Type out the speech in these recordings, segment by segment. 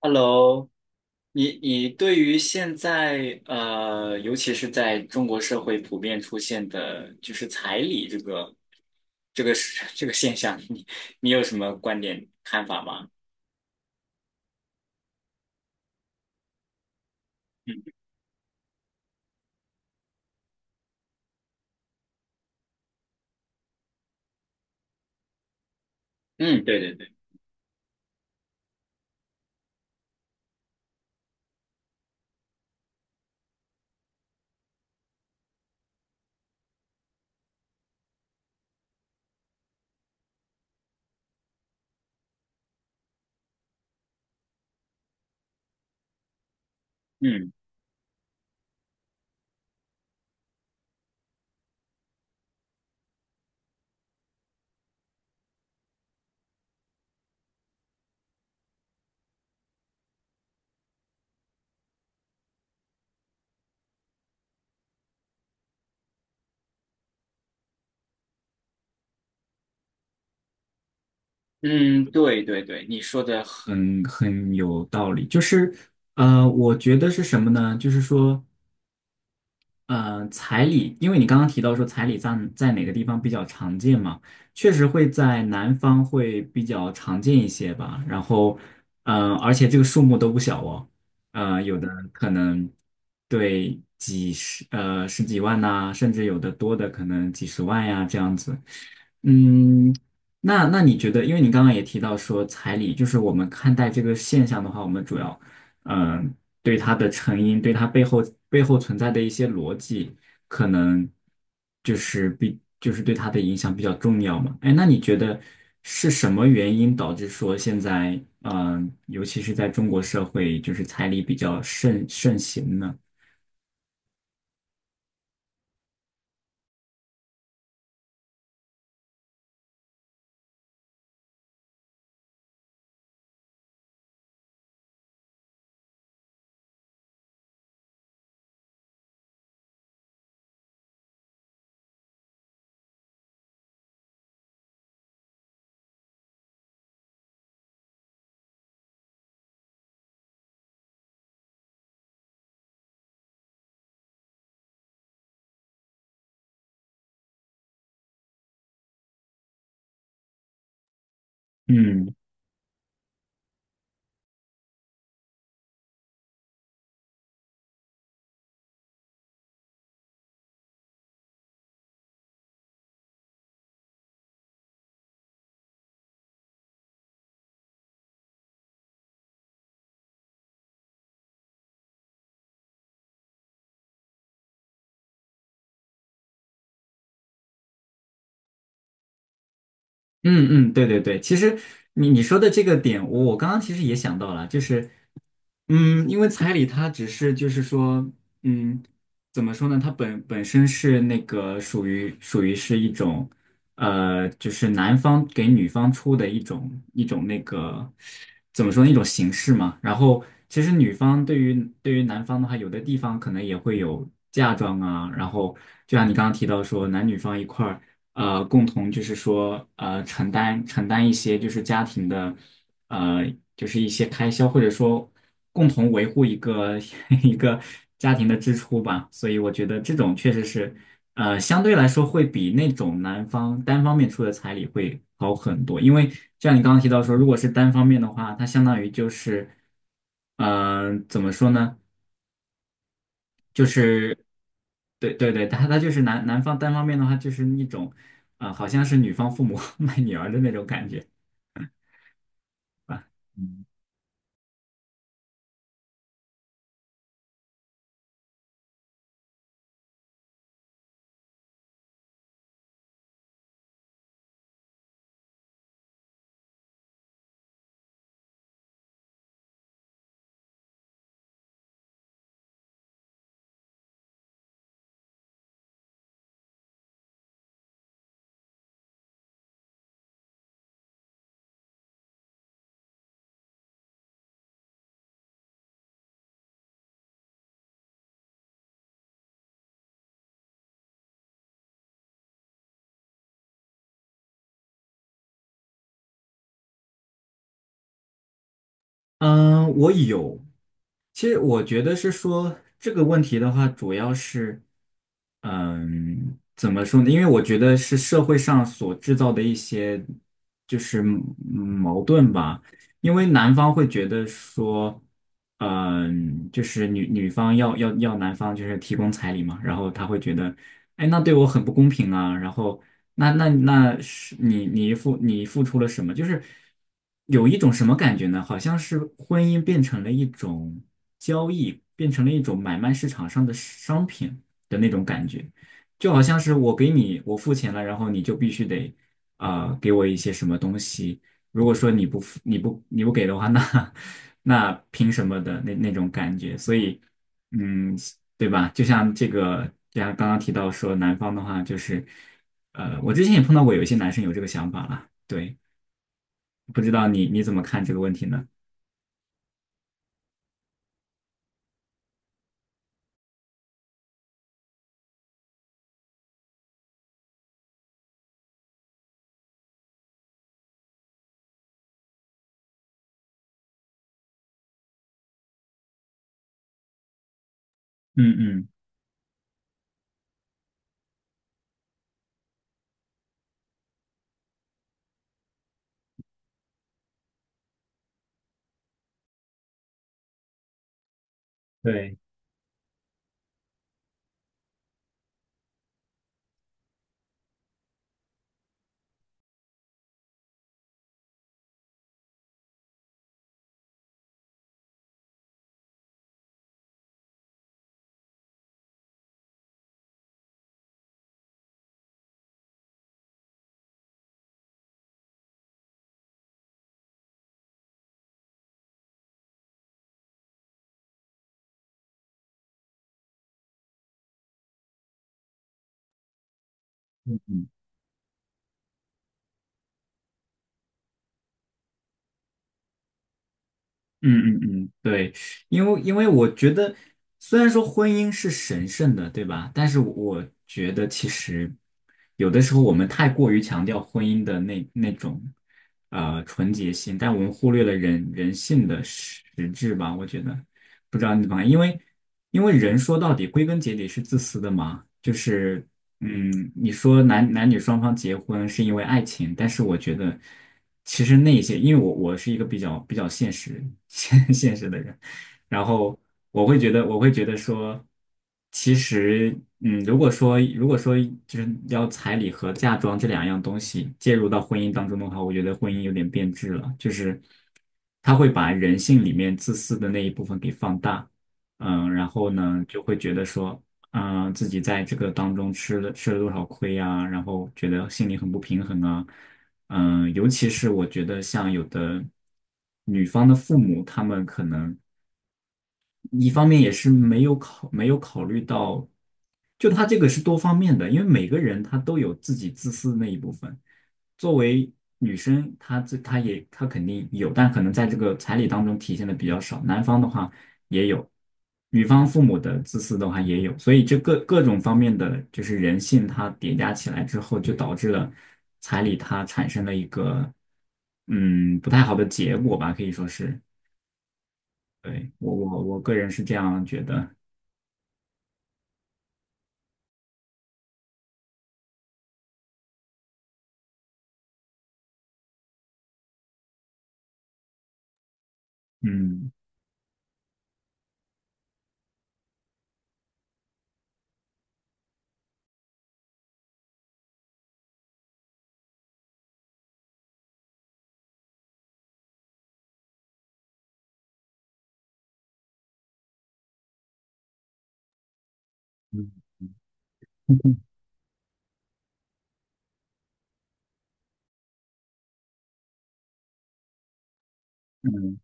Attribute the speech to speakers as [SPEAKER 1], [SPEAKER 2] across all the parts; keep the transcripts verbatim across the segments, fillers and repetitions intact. [SPEAKER 1] Hello，你你对于现在呃，尤其是在中国社会普遍出现的，就是彩礼这个这个是 这个现象，你你有什么观点看法吗？嗯嗯，对对对，嗯嗯，对对对，你说的很很有道理。就是呃，我觉得是什么呢？就是说。呃，彩礼，因为你刚刚提到说彩礼在在哪个地方比较常见嘛，确实会在南方会比较常见一些吧。然后，嗯、而且这个数目都不小哦，呃，有的可能对几十呃十几万呐、甚至有的多的可能几十万呀、这样子。嗯，那那你觉得，因为你刚刚也提到说彩礼，就是我们看待这个现象的话，我们主要。嗯对它的成因，对它背后背后存在的一些逻辑，可能就是比就是对它的影响比较重要嘛。哎，那你觉得是什么原因导致说现在，嗯、尤其是在中国社会，就是彩礼比较盛盛行呢？嗯嗯嗯，对对对，其实你你说的这个点，我我刚刚其实也想到了，就是嗯，因为彩礼它只是就是说，嗯，怎么说呢？它本本身是那个属于属于是一种，呃，就是男方给女方出的一种一种那个怎么说呢？一种形式嘛。然后其实女方对于对于男方的话，有的地方可能也会有嫁妆啊。然后就像你刚刚提到说，男女方一块儿呃共同就是说呃承担承担一些就是家庭的。呃，就是一些开销，或者说共同维护一个 一个家庭的支出吧。所以我觉得这种确实是，呃，相对来说会比那种男方单方面出的彩礼会好很多。因为就像你刚刚提到说，如果是单方面的话，它相当于就是，嗯、怎么说呢？就是，对对对，他他就是男男方单方面的话，就是一种，啊、好像是女方父母 卖女儿的那种感觉。嗯，我有。其实我觉得是说这个问题的话，主要是，嗯，怎么说呢？因为我觉得是社会上所制造的一些就是嗯矛盾吧。因为男方会觉得说，嗯，就是女女方要要要男方就是提供彩礼嘛，然后他会觉得，哎，那对我很不公平啊。然后那那那是你你付你付出了什么？就是有一种什么感觉呢？好像是婚姻变成了一种交易，变成了一种买卖市场上的商品的那种感觉，就好像是我给你我付钱了，然后你就必须得啊、呃给我一些什么东西。如果说你不付你不你不给的话，那 那凭什么的那那种感觉？所以嗯，对吧？就像这个，就像刚刚提到说男方的话，就是。呃，我之前也碰到过有一些男生有这个想法了，对，不知道你你怎么看这个问题呢？嗯嗯，对，嗯嗯嗯嗯嗯，对，因为因为我觉得，虽然说婚姻是神圣的，对吧？但是我觉得其实有的时候我们太过于强调婚姻的那那种呃纯洁性，但我们忽略了人人性的实质吧？我觉得，不知道你怎么看，因为因为人说到底归根结底是自私的嘛，就是嗯，你说男男女双方结婚是因为爱情，但是我觉得其实那些，因为我我是一个比较比较现实 现现实的人，然后我会觉得我会觉得说，其实嗯，如果说如果说就是要彩礼和嫁妆这两样东西介入到婚姻当中的话，我觉得婚姻有点变质了，就是他会把人性里面自私的那一部分给放大。嗯，然后呢，就会觉得说，啊、自己在这个当中吃了吃了多少亏啊，然后觉得心里很不平衡啊，嗯、尤其是我觉得像有的女方的父母，他们可能。一方面也是没有考没有考虑到，就他这个是多方面的，因为每个人他都有自己自私的那一部分。作为女生，她这她也她肯定有，但可能在这个彩礼当中体现的比较少。男方的话也有，女方父母的自私的话也有，所以这各各种方面的就是人性，它叠加起来之后，就导致了彩礼它产生了一个嗯不太好的结果吧，可以说是。对，我我我个人是这样觉得。嗯嗯 嗯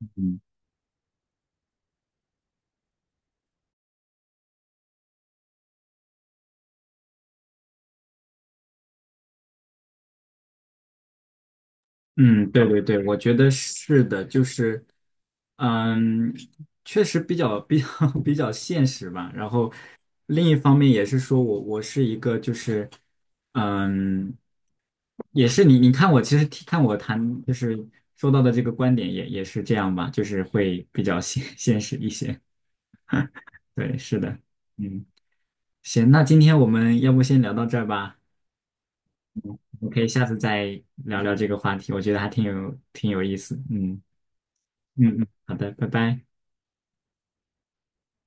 [SPEAKER 1] 嗯嗯，对对对，我觉得是的，就是，嗯，确实比较比较 比较现实吧。然后另一方面也是说我我是一个就是，嗯，也是你你看我其实听看我谈就是说到的这个观点也也是这样吧，就是会比较现现实一些。对，是的，嗯，行，那今天我们要不先聊到这儿吧。我可以下次再聊聊这个话题，我觉得还挺有挺有意思。嗯嗯嗯，好的，拜拜。